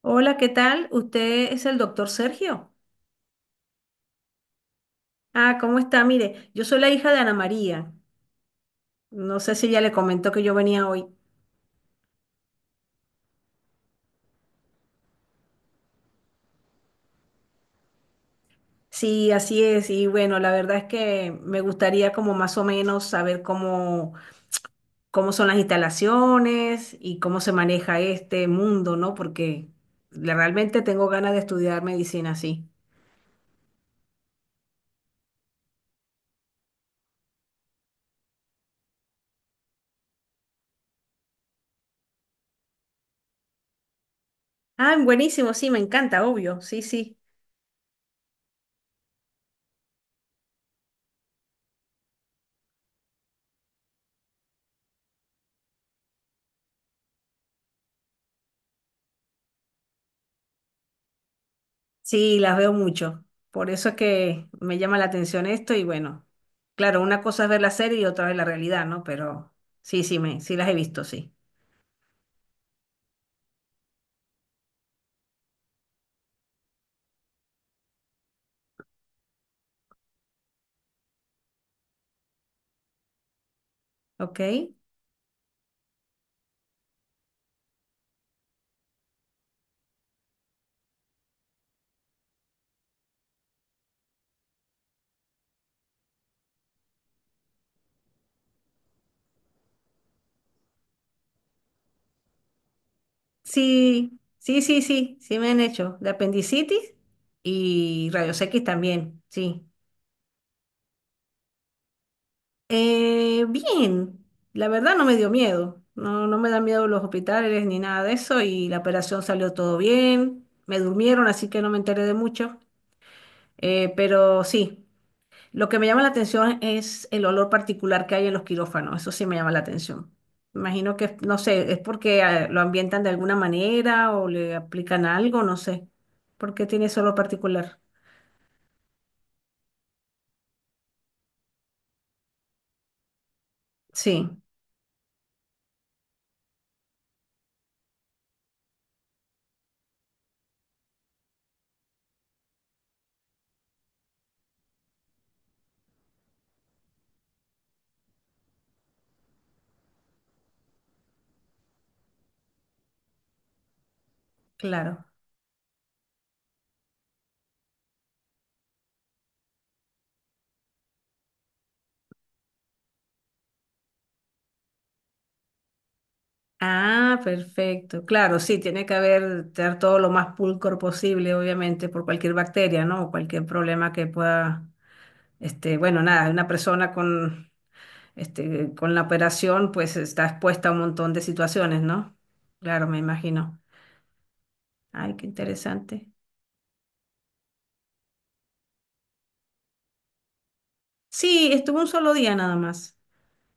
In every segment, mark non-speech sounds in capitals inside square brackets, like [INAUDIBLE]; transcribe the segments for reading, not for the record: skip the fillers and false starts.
Hola, ¿qué tal? ¿Usted es el doctor Sergio? Ah, ¿cómo está? Mire, yo soy la hija de Ana María. No sé si ya le comentó que yo venía hoy. Sí, así es. Y bueno, la verdad es que me gustaría como más o menos saber cómo son las instalaciones y cómo se maneja este mundo, ¿no? Porque realmente tengo ganas de estudiar medicina, sí. Ah, buenísimo, sí, me encanta, obvio. Sí, sí. Sí, las veo mucho. Por eso es que me llama la atención esto y bueno, claro, una cosa es ver la serie y otra es la realidad, ¿no? Pero sí, sí las he visto, sí. ¿Ok? Sí, sí, sí, sí, sí me han hecho. De apendicitis y rayos X también, sí. Bien, la verdad no me dio miedo. No, no me dan miedo los hospitales ni nada de eso y la operación salió todo bien. Me durmieron, así que no me enteré de mucho. Pero sí. Lo que me llama la atención es el olor particular que hay en los quirófanos. Eso sí me llama la atención. Imagino que, no sé, es porque lo ambientan de alguna manera o le aplican algo, no sé. ¿Por qué tiene ese olor particular? Sí, claro. Ah, perfecto. Claro, sí, tiene que haber tener todo lo más pulcro posible, obviamente, por cualquier bacteria, ¿no? O cualquier problema que pueda, este, bueno, nada, una persona con este, con la operación, pues está expuesta a un montón de situaciones, ¿no? Claro, me imagino. Ay, qué interesante. Sí, estuvo un solo día nada más,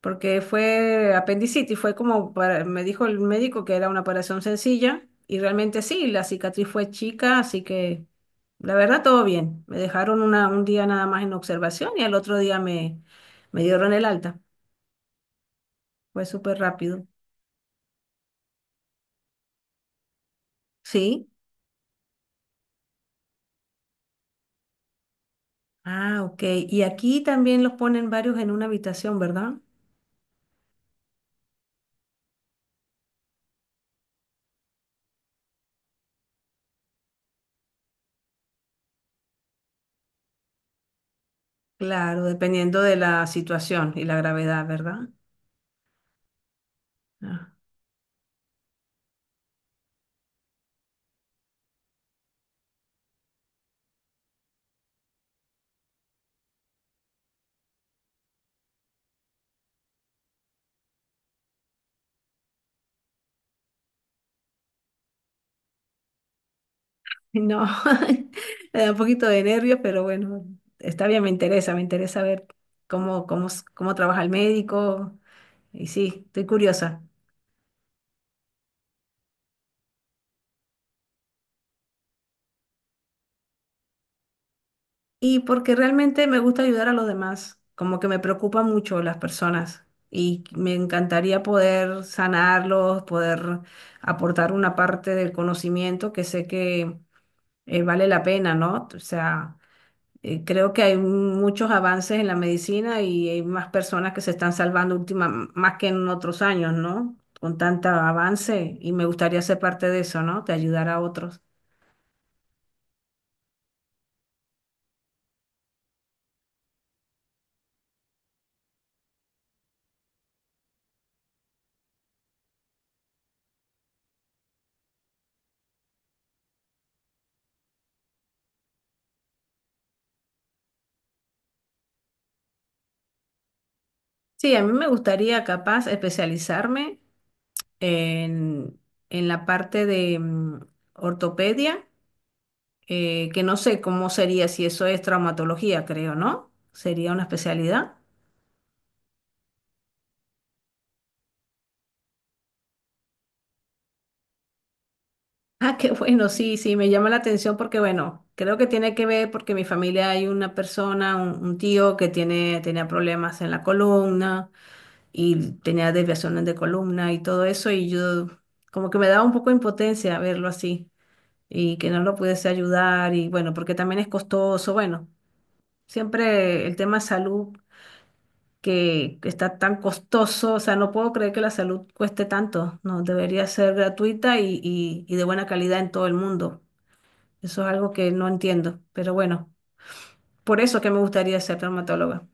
porque fue apendicitis, fue como para, me dijo el médico que era una operación sencilla, y realmente sí, la cicatriz fue chica, así que la verdad todo bien. Me dejaron un día nada más en observación y al otro día me dieron el alta. Fue súper rápido. Sí. Ah, ok. Y aquí también los ponen varios en una habitación, ¿verdad? Claro, dependiendo de la situación y la gravedad, ¿verdad? Ah, no, [LAUGHS] me da un poquito de nervios, pero bueno, está bien, me interesa ver cómo trabaja el médico. Y sí, estoy curiosa. Y porque realmente me gusta ayudar a los demás, como que me preocupan mucho las personas y me encantaría poder sanarlos, poder aportar una parte del conocimiento que sé que vale la pena, ¿no? O sea... Creo que hay muchos avances en la medicina y hay más personas que se están salvando última, más que en otros años, ¿no? Con tanto avance y me gustaría ser parte de eso, ¿no? De ayudar a otros. Sí, a mí me gustaría capaz especializarme en, en la parte de ortopedia, que no sé cómo sería si eso es traumatología, creo, ¿no? Sería una especialidad. Ah, qué bueno, sí, sí, me llama la atención porque, bueno, creo que tiene que ver porque en mi familia hay una persona, un tío que tiene, tenía problemas en la columna y tenía desviaciones de columna y todo eso y yo como que me daba un poco de impotencia verlo así y que no lo pudiese ayudar y bueno, porque también es costoso, bueno, siempre el tema salud que está tan costoso, o sea, no puedo creer que la salud cueste tanto, no, debería ser gratuita y de buena calidad en todo el mundo. Eso es algo que no entiendo, pero bueno, por eso es que me gustaría ser traumatóloga.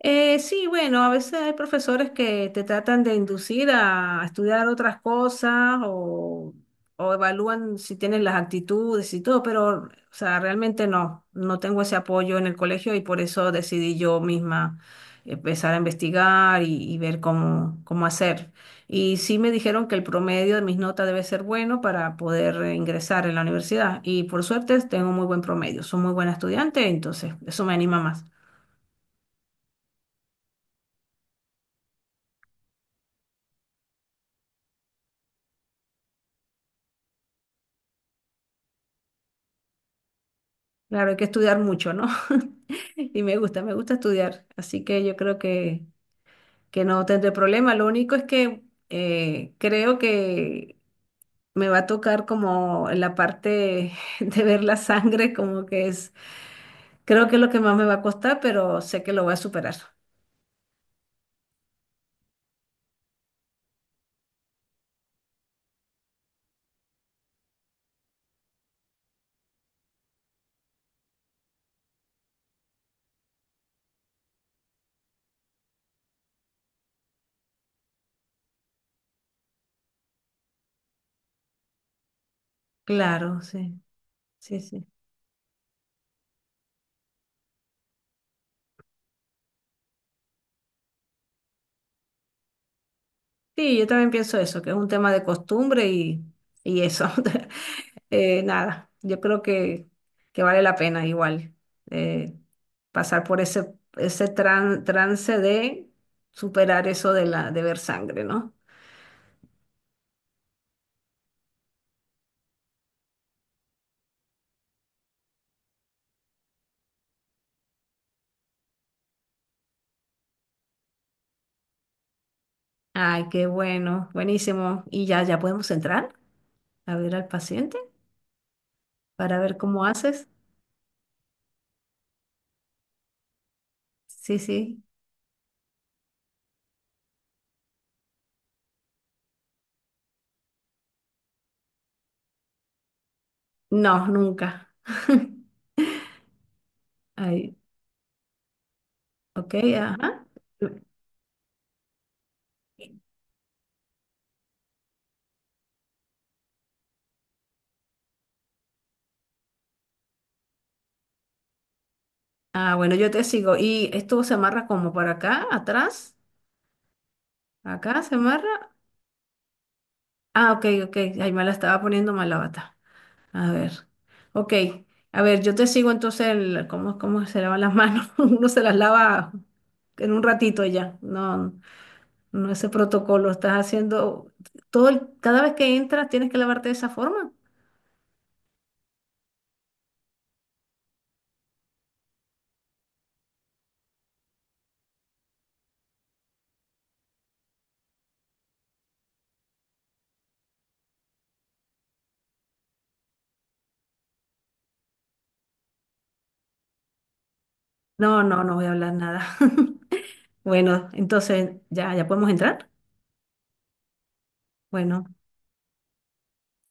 Sí, bueno, a veces hay profesores que te tratan de inducir a estudiar otras cosas, o evalúan si tienes las actitudes y todo, pero, o sea, realmente no, no tengo ese apoyo en el colegio y por eso decidí yo misma empezar a investigar y ver cómo hacer. Y sí me dijeron que el promedio de mis notas debe ser bueno para poder ingresar en la universidad y por suerte tengo muy buen promedio, soy muy buena estudiante, entonces eso me anima más. Claro, hay que estudiar mucho, ¿no? [LAUGHS] Y me gusta estudiar, así que yo creo que no tendré problema. Lo único es que creo que me va a tocar como en la parte [LAUGHS] de ver la sangre, como que creo que es lo que más me va a costar, pero sé que lo voy a superar. Claro, sí, sí, sí. Sí, yo también pienso eso, que es un tema de costumbre y eso. [LAUGHS] Nada, yo creo que vale la pena igual, eh, pasar por ese trance de superar eso de de ver sangre, ¿no? Ay, qué bueno, buenísimo. Y ya, ya podemos entrar a ver al paciente para ver cómo haces. Sí, sí. No, nunca. [LAUGHS] Ay, ok, ajá. Ah, bueno, yo te sigo. ¿Y esto se amarra como por acá, atrás? ¿Acá se amarra? Ah, ok, ok. Ay, me la estaba poniendo mal la bata. A ver. Ok. A ver, yo te sigo entonces cómo se lavan las manos. [LAUGHS] Uno se las lava en un ratito ya. No, no ese protocolo. Estás haciendo cada vez que entras tienes que lavarte de esa forma. No, no, no voy a hablar nada. [LAUGHS] Bueno, entonces ya, ya podemos entrar. Bueno.